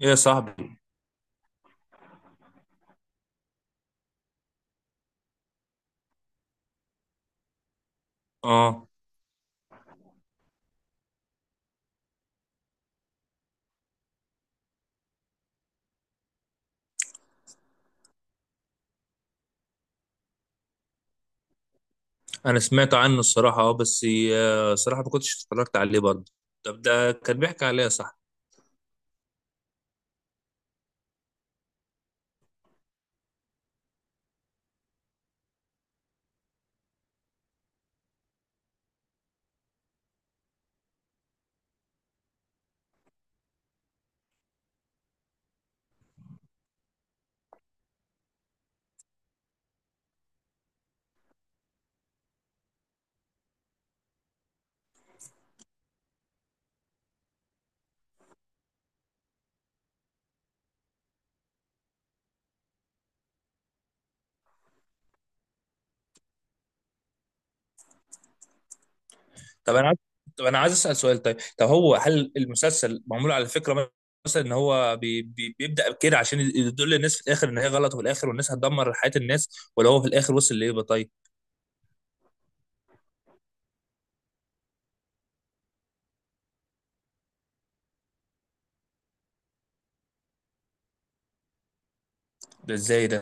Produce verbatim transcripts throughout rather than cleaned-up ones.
ايه يا صاحبي. اه انا سمعت عنه الصراحه، اه بس آه، صراحه ما كنتش اتفرجت عليه برضه. طب ده كان بيحكي عليه يا صاحبي؟ طب انا عايز طب انا عايز اسال سؤال. طيب، طب هو هل المسلسل معمول على فكره مثلا ان هو بي... بي... بيبدا كده عشان يدل الناس في الاخر ان هي غلط، وفي الاخر والناس هتدمر حياه الناس؟ ولا هو في الاخر وصل لايه بقى؟ طيب، ده ازاي ده؟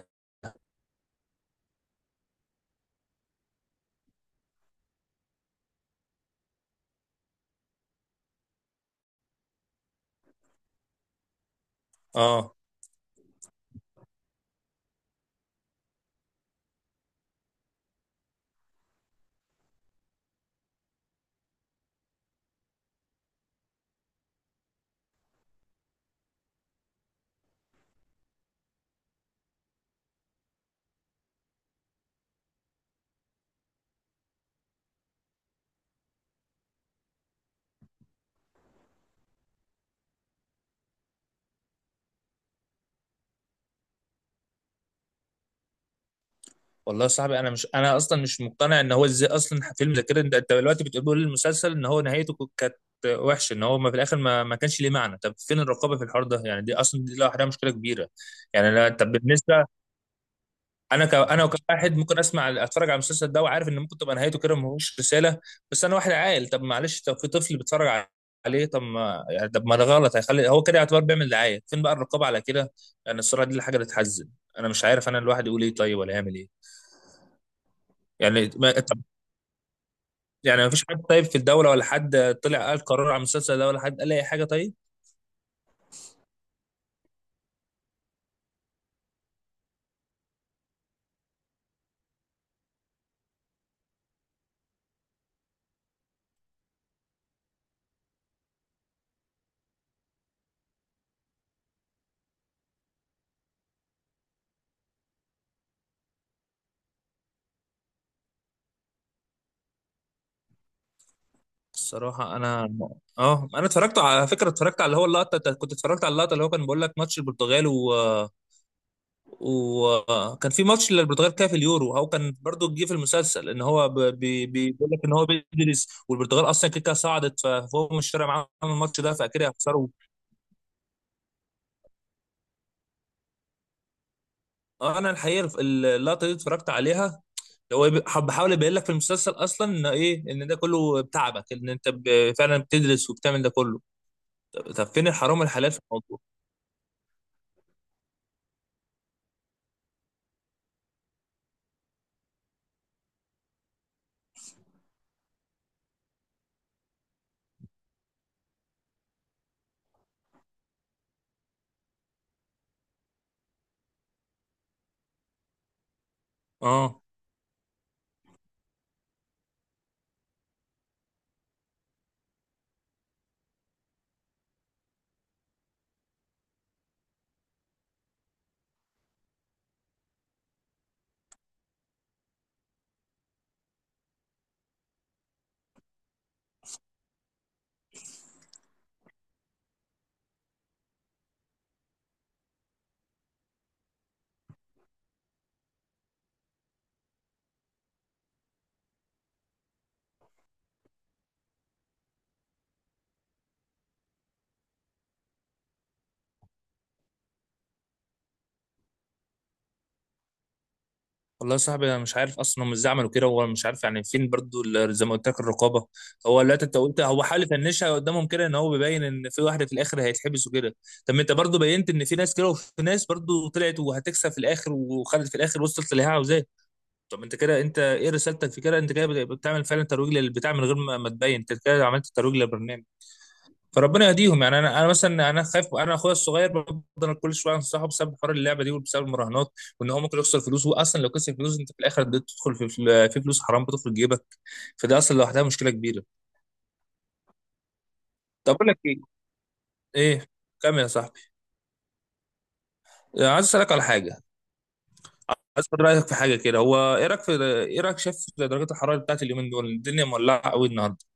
اه والله يا صاحبي، انا مش، انا اصلا مش مقتنع ان هو ازاي اصلا فيلم زي كده. انت انت دلوقتي بتقول المسلسل ان هو نهايته ك- كانت وحشه، ان هو ما في الاخر ما, ما كانش ليه معنى. طب فين الرقابه في الحوار ده يعني؟ دي اصلا دي لوحدها مشكله كبيره. يعني انا، طب بالنسبه انا ك... انا كواحد ممكن اسمع اتفرج على المسلسل ده وعارف ان ممكن تبقى نهايته كده ما هوش رساله، بس انا واحد عاقل. طب معلش، طب في طفل بيتفرج عليه. طب ما يعني، طب ما ده غلط، هيخلي هو كده يعتبر بيعمل دعايه. فين بقى الرقابه على كده يعني؟ الصراحه دي الحاجه اللي تحزن. انا مش عارف انا الواحد يقول ايه طيب ولا يعمل ايه. يعني ما... طب، يعني مفيش حد طيب في الدولة ولا حد طلع قال قرار على المسلسل ده ولا حد قال أي حاجة طيب؟ الصراحة أنا، اه أنا اتفرجت على فكرة، اتفرجت على اللي هو اللقطة، كنت اتفرجت على اللقطة اللي هو كان بيقول لك ماتش البرتغال. و وكان في ماتش للبرتغال كده في اليورو، هو كان برضو جه في المسلسل ان هو ب- بي- بي- بيقول لك ان هو بيدرس، والبرتغال اصلا كده كده صعدت، ف- فهو مش فارق معاهم الماتش ده فاكيد هيخسروا. اه انا الحقيقه الف- اللقطه دي اتفرجت عليها. هو يب- حب- بحاول يبين لك في المسلسل اصلا ان ايه، ان ده كله بتعبك ان انت ب- فعلا بتدرس وبتعمل ده كله. طب، طب فين الحرام والحلال في الموضوع؟ اه والله يا صاحبي انا مش عارف اصلا هم ازاي عملوا كده. هو مش عارف يعني فين برضو ال- زي ما قلت لك الرقابه. هو، لا انت قلت هو حاول يفنشها قدامهم كده ان هو بيبين ان في واحده في الاخر هيتحبس وكده. طب ما انت برضو بينت ان في ناس كده وفي ناس برضو طلعت وهتكسب في الاخر، وخدت في الاخر وصلت اللي هي عاوزاه. طب انت كده انت ايه رسالتك في كده؟ انت كده بت- بتعمل فعلا ترويج للبتاع من غير ما، ما تبين. انت كده عملت ترويج للبرنامج. فربنا يهديهم يعني. انا انا مثلا انا خايف، انا اخويا الصغير بفضل كل شويه انصحه بسبب حوار اللعبه دي وبسبب المراهنات، وان هو ممكن يخسر فلوس. هو اصلا لو خسر فلوس انت في الاخر بتدخل في في في فلوس حرام بتدخل جيبك. فده اصلا لوحدها مشكله كبيره. طب اقول لك ايه؟ ايه كمل يا صاحبي. آه، عايز اسالك على حاجه. عايز اخد رايك في حاجه كده. هو ايه رايك في، ايه رايك، شايف درجات الحراره بتاعت اليومين دول؟ الدنيا مولعه قوي النهارده.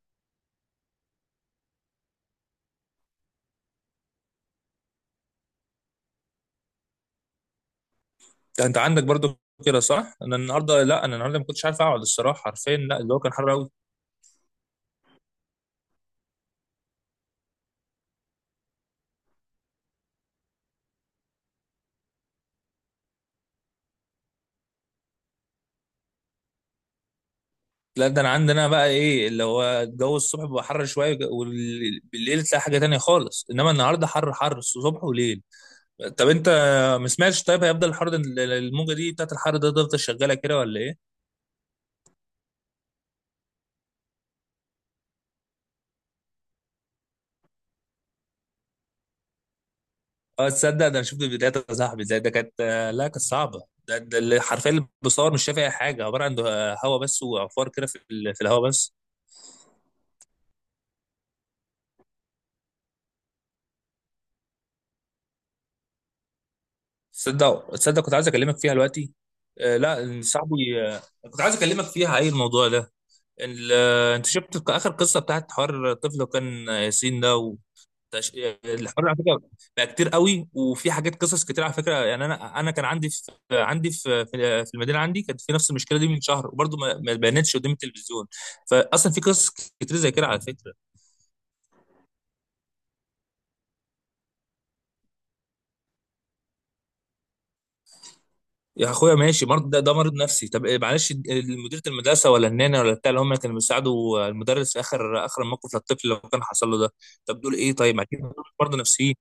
انت أنت عندك برضو كده صح؟ انا النهارده، لا انا النهارده ما كنتش عارف اقعد الصراحه حرفيا، لا الجو كان حر قوي. لا ده انا عندنا بقى ايه اللي هو الجو الصبح بيبقى حر شويه، وبالليل تلاقي حاجه تانية خالص، انما النهارده حر حر صبح وليل. طب انت ما سمعتش طيب هيفضل الحر ده، الموجه دي بتاعت الحر ده تفضل شغاله كده ولا ايه؟ اه تصدق ده انا شفت فيديوهات يا صاحبي زي ده، كانت، لا كانت صعبه. ده, ده اللي حرفيا اللي بيصور مش شايف اي حاجه، عباره عن هواء بس وعفار كده في, ال- في الهواء بس. تصدق تصدق كنت عايز اكلمك فيها دلوقتي. آه لا صاحبي، آه، كنت عايز اكلمك فيها. ايه الموضوع ده ال- انت شفت اخر قصه بتاعت حوار الطفل وكان ياسين ده؟ وتش... الحوار على فكره بقى كتير قوي، وفي حاجات قصص كتير على فكره. يعني انا انا كان عندي في عندي في في في المدينه عندي، كانت في نفس المشكله دي من شهر، وبرضه ما ما بانتش قدام التلفزيون. فاصلا في قصص كتير زي كده على فكره. يا اخويا ماشي مرض، ده, ده مرض نفسي. طب إيه، معلش، مديره المدرسه ولا النانا ولا بتاع اللي هم كانوا بيساعدوا المدرس في اخر اخر الموقف للطفل لو كان حصل له ده؟ طب دول ايه طيب؟ ما أكيد دول مرضى نفسيين.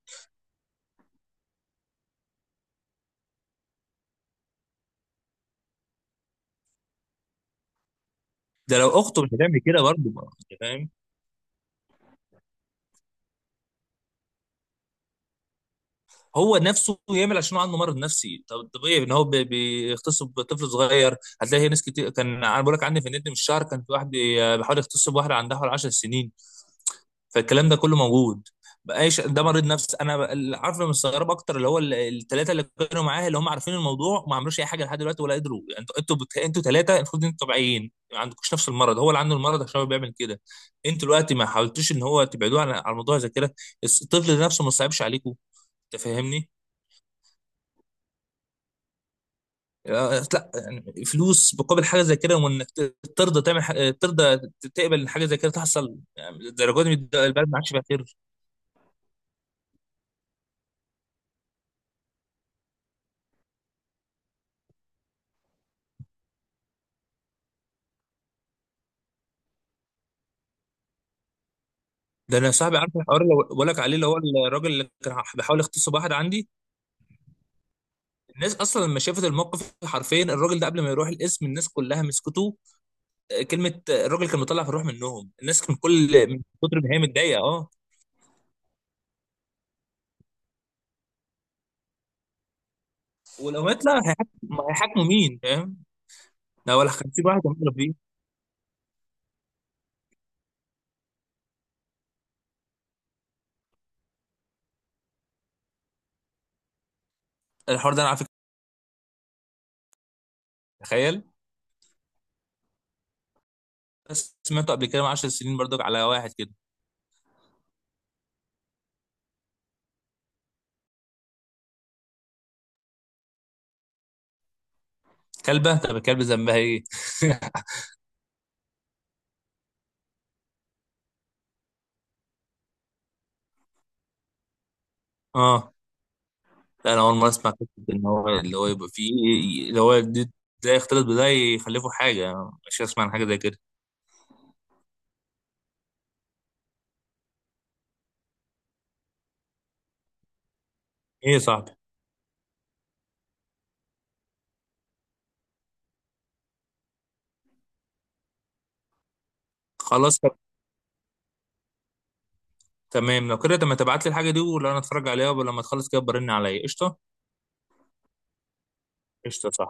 ده لو اخته مش هتعمل كده برضه، ما- أنت فاهم؟ هو نفسه يعمل عشان هو عنده مرض نفسي، طب طبيعي ان هو بي- بيغتصب طفل صغير؟ هتلاقي ناس كتير، كان انا بقول لك عندي في النت من الشهر كان في واحد بي- بيحاول يغتصب واحده عندها حوالي عشر سنين. فالكلام ده كله موجود. بقاش ده مريض نفسي، انا ب- اللي عارف، اللي مستغرب اكتر اللي هو الثلاثه اللي كانوا معاه، اللي هم عارفين الموضوع وما عملوش اي حاجه لحد دلوقتي ولا قدروا. يعني انتوا انتوا بت... انتوا ثلاثه المفروض انتوا طبيعيين ما عندكوش نفس المرض، هو اللي عنده المرض عشان هو بيعمل كده. انتوا دلوقتي ما حاولتوش ان هو تبعدوه عن على الموضوع زي كده؟ الس- الطفل ده نفسه ما صعبش عليكم؟ انت فاهمني؟ آه، لا يعني فلوس مقابل حاجه زي كده، وانك ت- ترضى تعمل حاجة، ترضى ت- تقبل إن حاجه زي كده تحصل؟ يعني الدرجات دي، البلد ما عادش فيها خير. ده انا صاحبي عارف الحوار اللي بقول لك عليه اللي هو الراجل اللي كان بيحاول يغتصب واحد عندي، الناس اصلا لما شافت الموقف حرفيا الراجل ده قبل ما يروح القسم الناس كلها مسكته. آه، كلمه، آه، الراجل كان مطلع في الروح منهم الناس، من كل من كتر ما هي متضايقه. اه ولو مات لا هيحاكموا، هيحاكموا مين فاهم؟ لا ولا خمسين واحد هيعملوا فيه. الحوار ده انا على فكره، تخيل، بس سمعته قبل كده من عشر سنين برضك على واحد كده. كلبه، طب الكلب ذنبها ايه؟ اه لا انا اول مره اسمع فكره ان هو اللي هو يبقى فيه اللي هو دي- ده يختلط بده يخلفوا حاجه. مش هسمع عن حاجه زي كده. ايه يا صاحبي؟ خلاص طب، تمام لو كده. طب ما تبعت لي الحاجه دي، ولو انا اتفرج عليها ولما تخلص كده برن عليا قشطه. قشطه صح.